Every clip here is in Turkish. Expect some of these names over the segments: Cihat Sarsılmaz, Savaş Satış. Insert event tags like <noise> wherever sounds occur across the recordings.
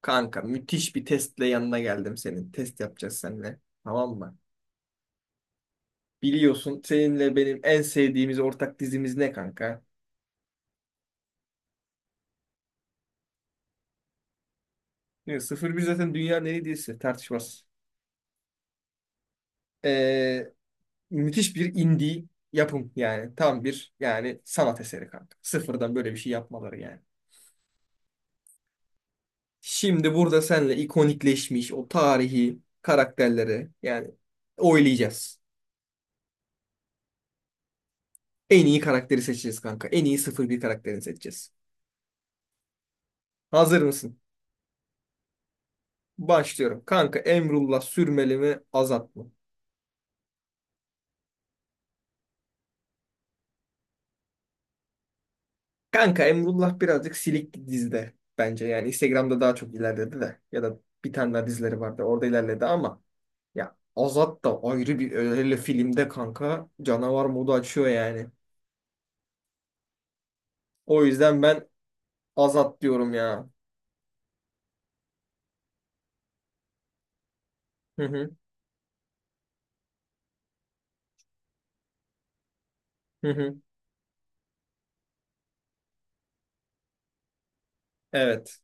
Kanka müthiş bir testle yanına geldim senin. Test yapacağız seninle. Tamam mı? Biliyorsun seninle benim en sevdiğimiz ortak dizimiz ne kanka? Ne, 01 zaten dünyanın en iyi dizisi tartışmaz. Ee, Müthiş bir indie yapım yani. Tam bir yani sanat eseri kanka. Sıfırdan böyle bir şey yapmaları yani. Şimdi burada seninle ikonikleşmiş o tarihi karakterleri yani oylayacağız. En iyi karakteri seçeceğiz kanka. En iyi sıfır bir karakterini seçeceğiz. Hazır mısın? Başlıyorum. Kanka Emrullah sürmeli mi azat mı? Kanka Emrullah birazcık silik dizide bence. Yani Instagram'da daha çok ilerledi de. Ya da bir tane daha dizileri vardı. Orada ilerledi ama ya Azat da ayrı bir öyle filmde kanka canavar modu açıyor yani. O yüzden ben Azat diyorum ya. Hı hı hı hı. Evet.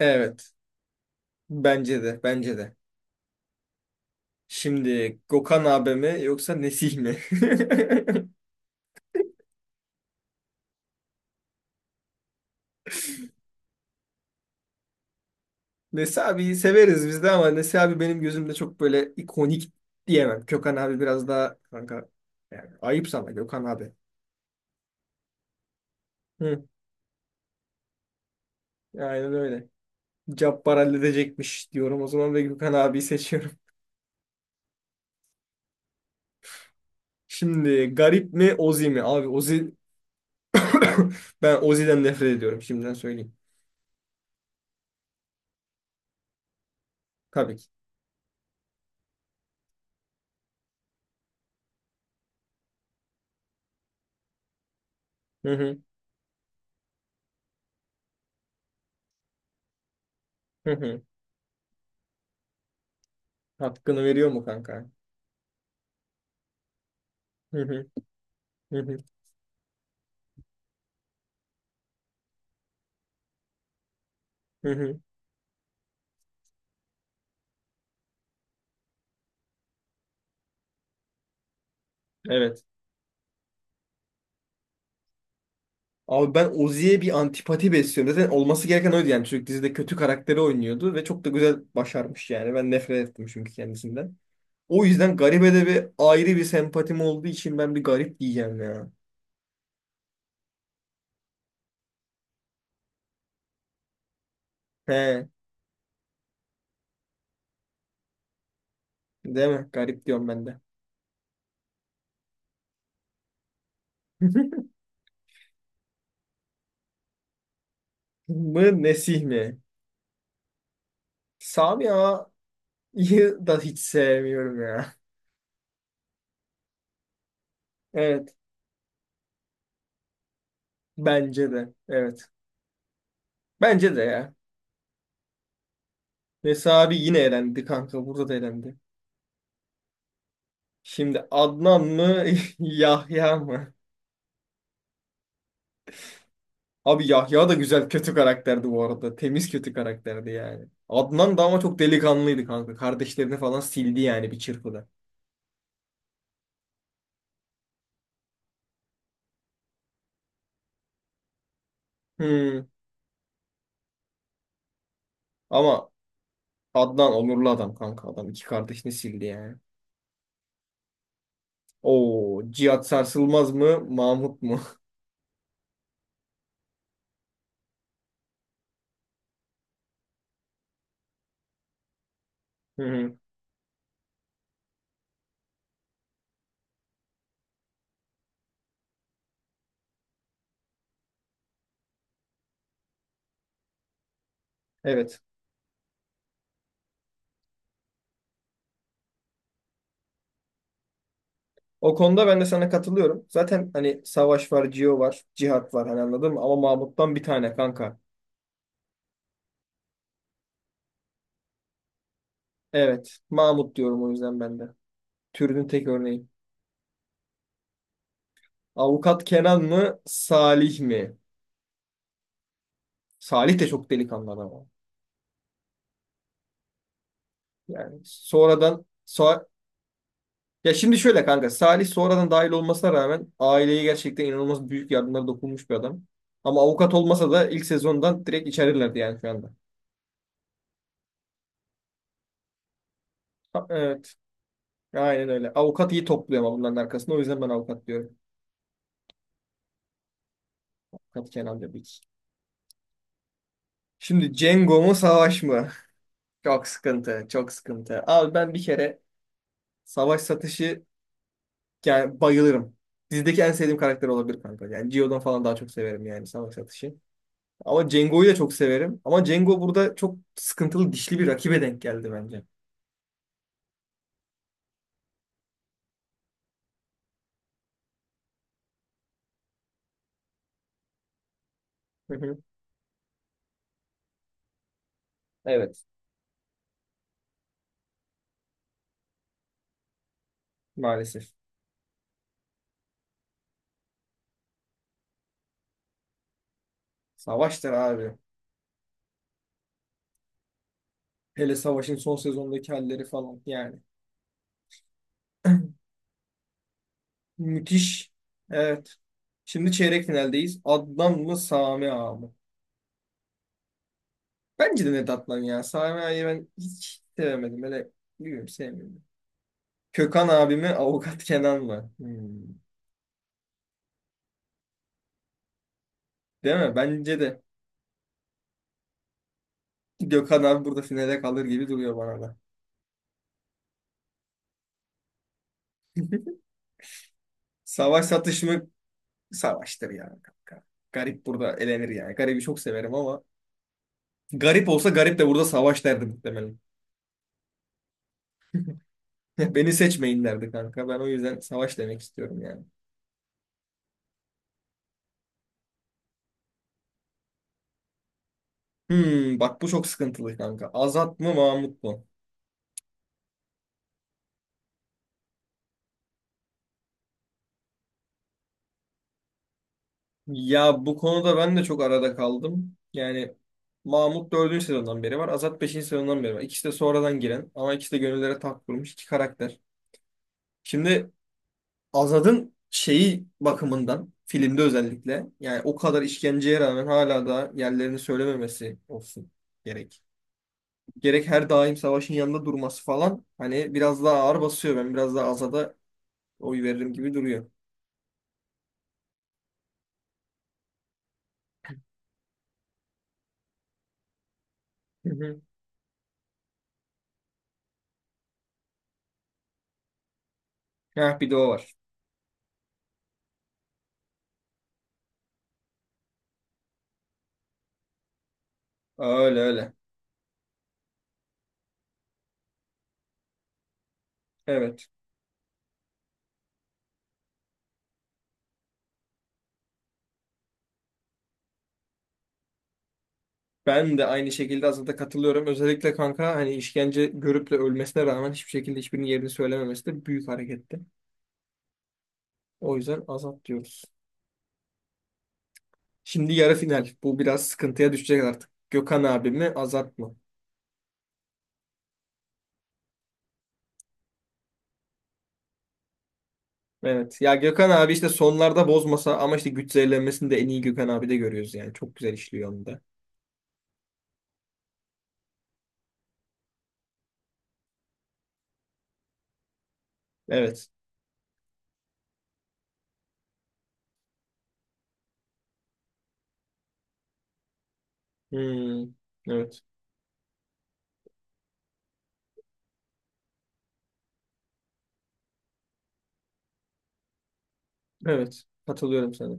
Evet. Bence de. Bence de. Şimdi Gökhan abi mi yoksa Nesih mi? <laughs> Nesi abiyi severiz biz de ama Nesi abi benim gözümde çok böyle ikonik diyemem. Gökhan abi biraz daha kanka yani ayıp sana Gökhan abi. Hı, aynen öyle. Cabbar halledecekmiş diyorum o zaman ve Gökhan abiyi seçiyorum. Şimdi garip mi Ozi mi? Abi Ozi <coughs> ben Ozi'den nefret ediyorum şimdiden söyleyeyim. Tabii ki. Hı hı, hı hı. Hakkını veriyor mu kanka? Hı hı, hı hı, hı hı. Evet. Abi ben Ozzy'ye bir antipati besliyorum. Zaten olması gereken oydu yani. Çocuk dizide kötü karakteri oynuyordu ve çok da güzel başarmış yani. Ben nefret ettim çünkü kendisinden. O yüzden garibe de bir ayrı bir sempatim olduğu için ben bir garip diyeceğim ya. He, değil mi? Garip diyorum ben de. <laughs> Mı Nesih mi? Sami Ağa'yı da hiç sevmiyorum ya. Evet. Bence de. Evet. Bence de ya. Ve Sami yine elendi kanka. Burada da elendi. Şimdi Adnan mı <laughs> Yahya mı? Abi Yahya da güzel kötü karakterdi bu arada. Temiz kötü karakterdi yani. Adnan da ama çok delikanlıydı kanka. Kardeşlerini falan sildi yani bir çırpıda. Hmm. Ama Adnan onurlu adam kanka. Adam iki kardeşini sildi yani. Oo, Cihat Sarsılmaz mı? Mahmut mu? <laughs> Hı hı. Evet. O konuda ben de sana katılıyorum. Zaten hani Savaş var, Cio var, Cihat var hani anladın mı? Ama Mahmut'tan bir tane kanka. Evet. Mahmut diyorum o yüzden ben de. Türünün tek örneği. Avukat Kenan mı? Salih mi? Salih de çok delikanlı adam abi. Yani sonradan so- Ya şimdi şöyle kanka Salih sonradan dahil olmasına rağmen aileye gerçekten inanılmaz büyük yardımlar dokunmuş bir adam. Ama avukat olmasa da ilk sezondan direkt içerirlerdi yani şu anda. Ha, evet, aynen öyle. Avukat iyi topluyor ama bunların arkasında. O yüzden ben avukat diyorum. Avukat Kenan Bebek. Şimdi Cengo mu savaş mı? <laughs> Çok sıkıntı, çok sıkıntı. Abi ben bir kere savaş satışı yani bayılırım. Dizideki en sevdiğim karakter olabilir kanka. Yani Gio'dan falan daha çok severim yani savaş satışı. Ama Cengo'yu da çok severim. Ama Cengo burada çok sıkıntılı dişli bir rakibe denk geldi bence. Hı hı. Evet. Maalesef. Savaşlar abi. Hele Savaş'ın son sezondaki halleri falan yani. Müthiş. Evet. Şimdi çeyrek finaldeyiz. Adnan mı Sami Ağa mı? Bence de net Adnan ya. Sami Ağa'yı ben hiç sevemedim. Hele bilmiyorum sevmiyorum. Kökan abi mi Avukat Kenan mı? Hmm. Değil mi? Bence de. Gökhan abi burada finale kalır gibi duruyor bana da. Savaş satış mı? Savaştır ya kanka. Garip burada elenir yani. Garibi çok severim ama garip olsa garip de burada savaş derdi muhtemelen. <laughs> Beni seçmeyin derdi kanka. Ben o yüzden savaş demek istiyorum yani. Hmm, bak bu çok sıkıntılı kanka. Azat mı Mahmut mu? Ya bu konuda ben de çok arada kaldım. Yani Mahmut 4. sezondan beri var. Azat beşinci sezondan beri var. İkisi de sonradan giren ama ikisi de gönüllere taht kurmuş iki karakter. Şimdi Azad'ın şeyi bakımından filmde özellikle yani o kadar işkenceye rağmen hala da yerlerini söylememesi olsun gerek. Gerek her daim savaşın yanında durması falan hani biraz daha ağır basıyor. Ben biraz daha Azad'a oy veririm gibi duruyor. Hı hı. Heh, bir de o var. Öyle öyle. Evet. Ben de aynı şekilde Azad'a katılıyorum. Özellikle kanka hani işkence görüp de ölmesine rağmen hiçbir şekilde hiçbirinin yerini söylememesi de büyük hareketti. O yüzden Azad diyoruz. Şimdi yarı final. Bu biraz sıkıntıya düşecek artık. Gökhan abi mi, Azat mı? Evet. Ya Gökhan abi işte sonlarda bozmasa ama işte güç zehirlenmesini de en iyi Gökhan abi de görüyoruz yani. Çok güzel işliyor onu da. Evet. Hmm. Evet. Evet. Katılıyorum sana.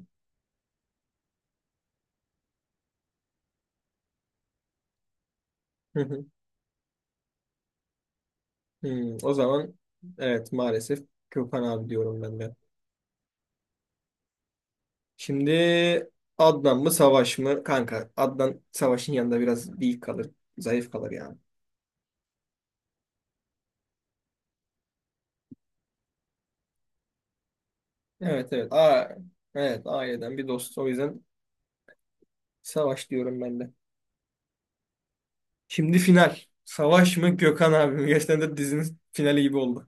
Hı hı. Hmm. O zaman evet maalesef Gökhan abi diyorum ben de. Şimdi Adnan mı Savaş mı? Kanka Adnan Savaş'ın yanında biraz değil kalır. Zayıf kalır yani. Evet evet. Aa, evet aileden bir dost. O yüzden Savaş diyorum ben de. Şimdi final. Savaş mı Gökhan abi mi? Gerçekten de dizinin finali gibi oldu.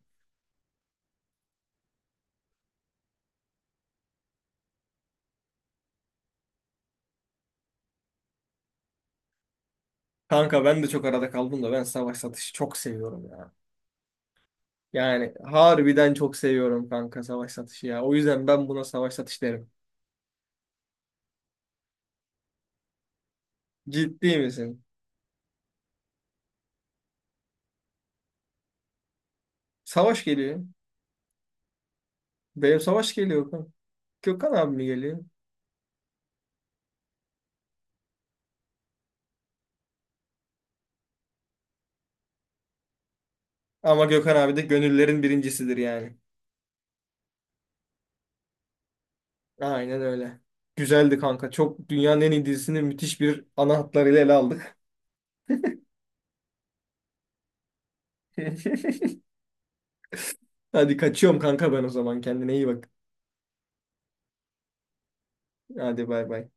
Kanka ben de çok arada kaldım da ben Savaş Satış'ı çok seviyorum ya. Yani harbiden çok seviyorum kanka Savaş Satış'ı ya. O yüzden ben buna Savaş Satış derim. Ciddi misin? Savaş geliyor. Benim Savaş geliyor kanka. Gökhan abi mi geliyor? Ama Gökhan abi de gönüllerin birincisidir yani. Aynen öyle. Güzeldi kanka. Çok dünyanın en iyi dizisini müthiş bir ana hatlarıyla ele aldık. <laughs> Hadi kaçıyorum kanka ben o zaman. Kendine iyi bak. Hadi bay bay.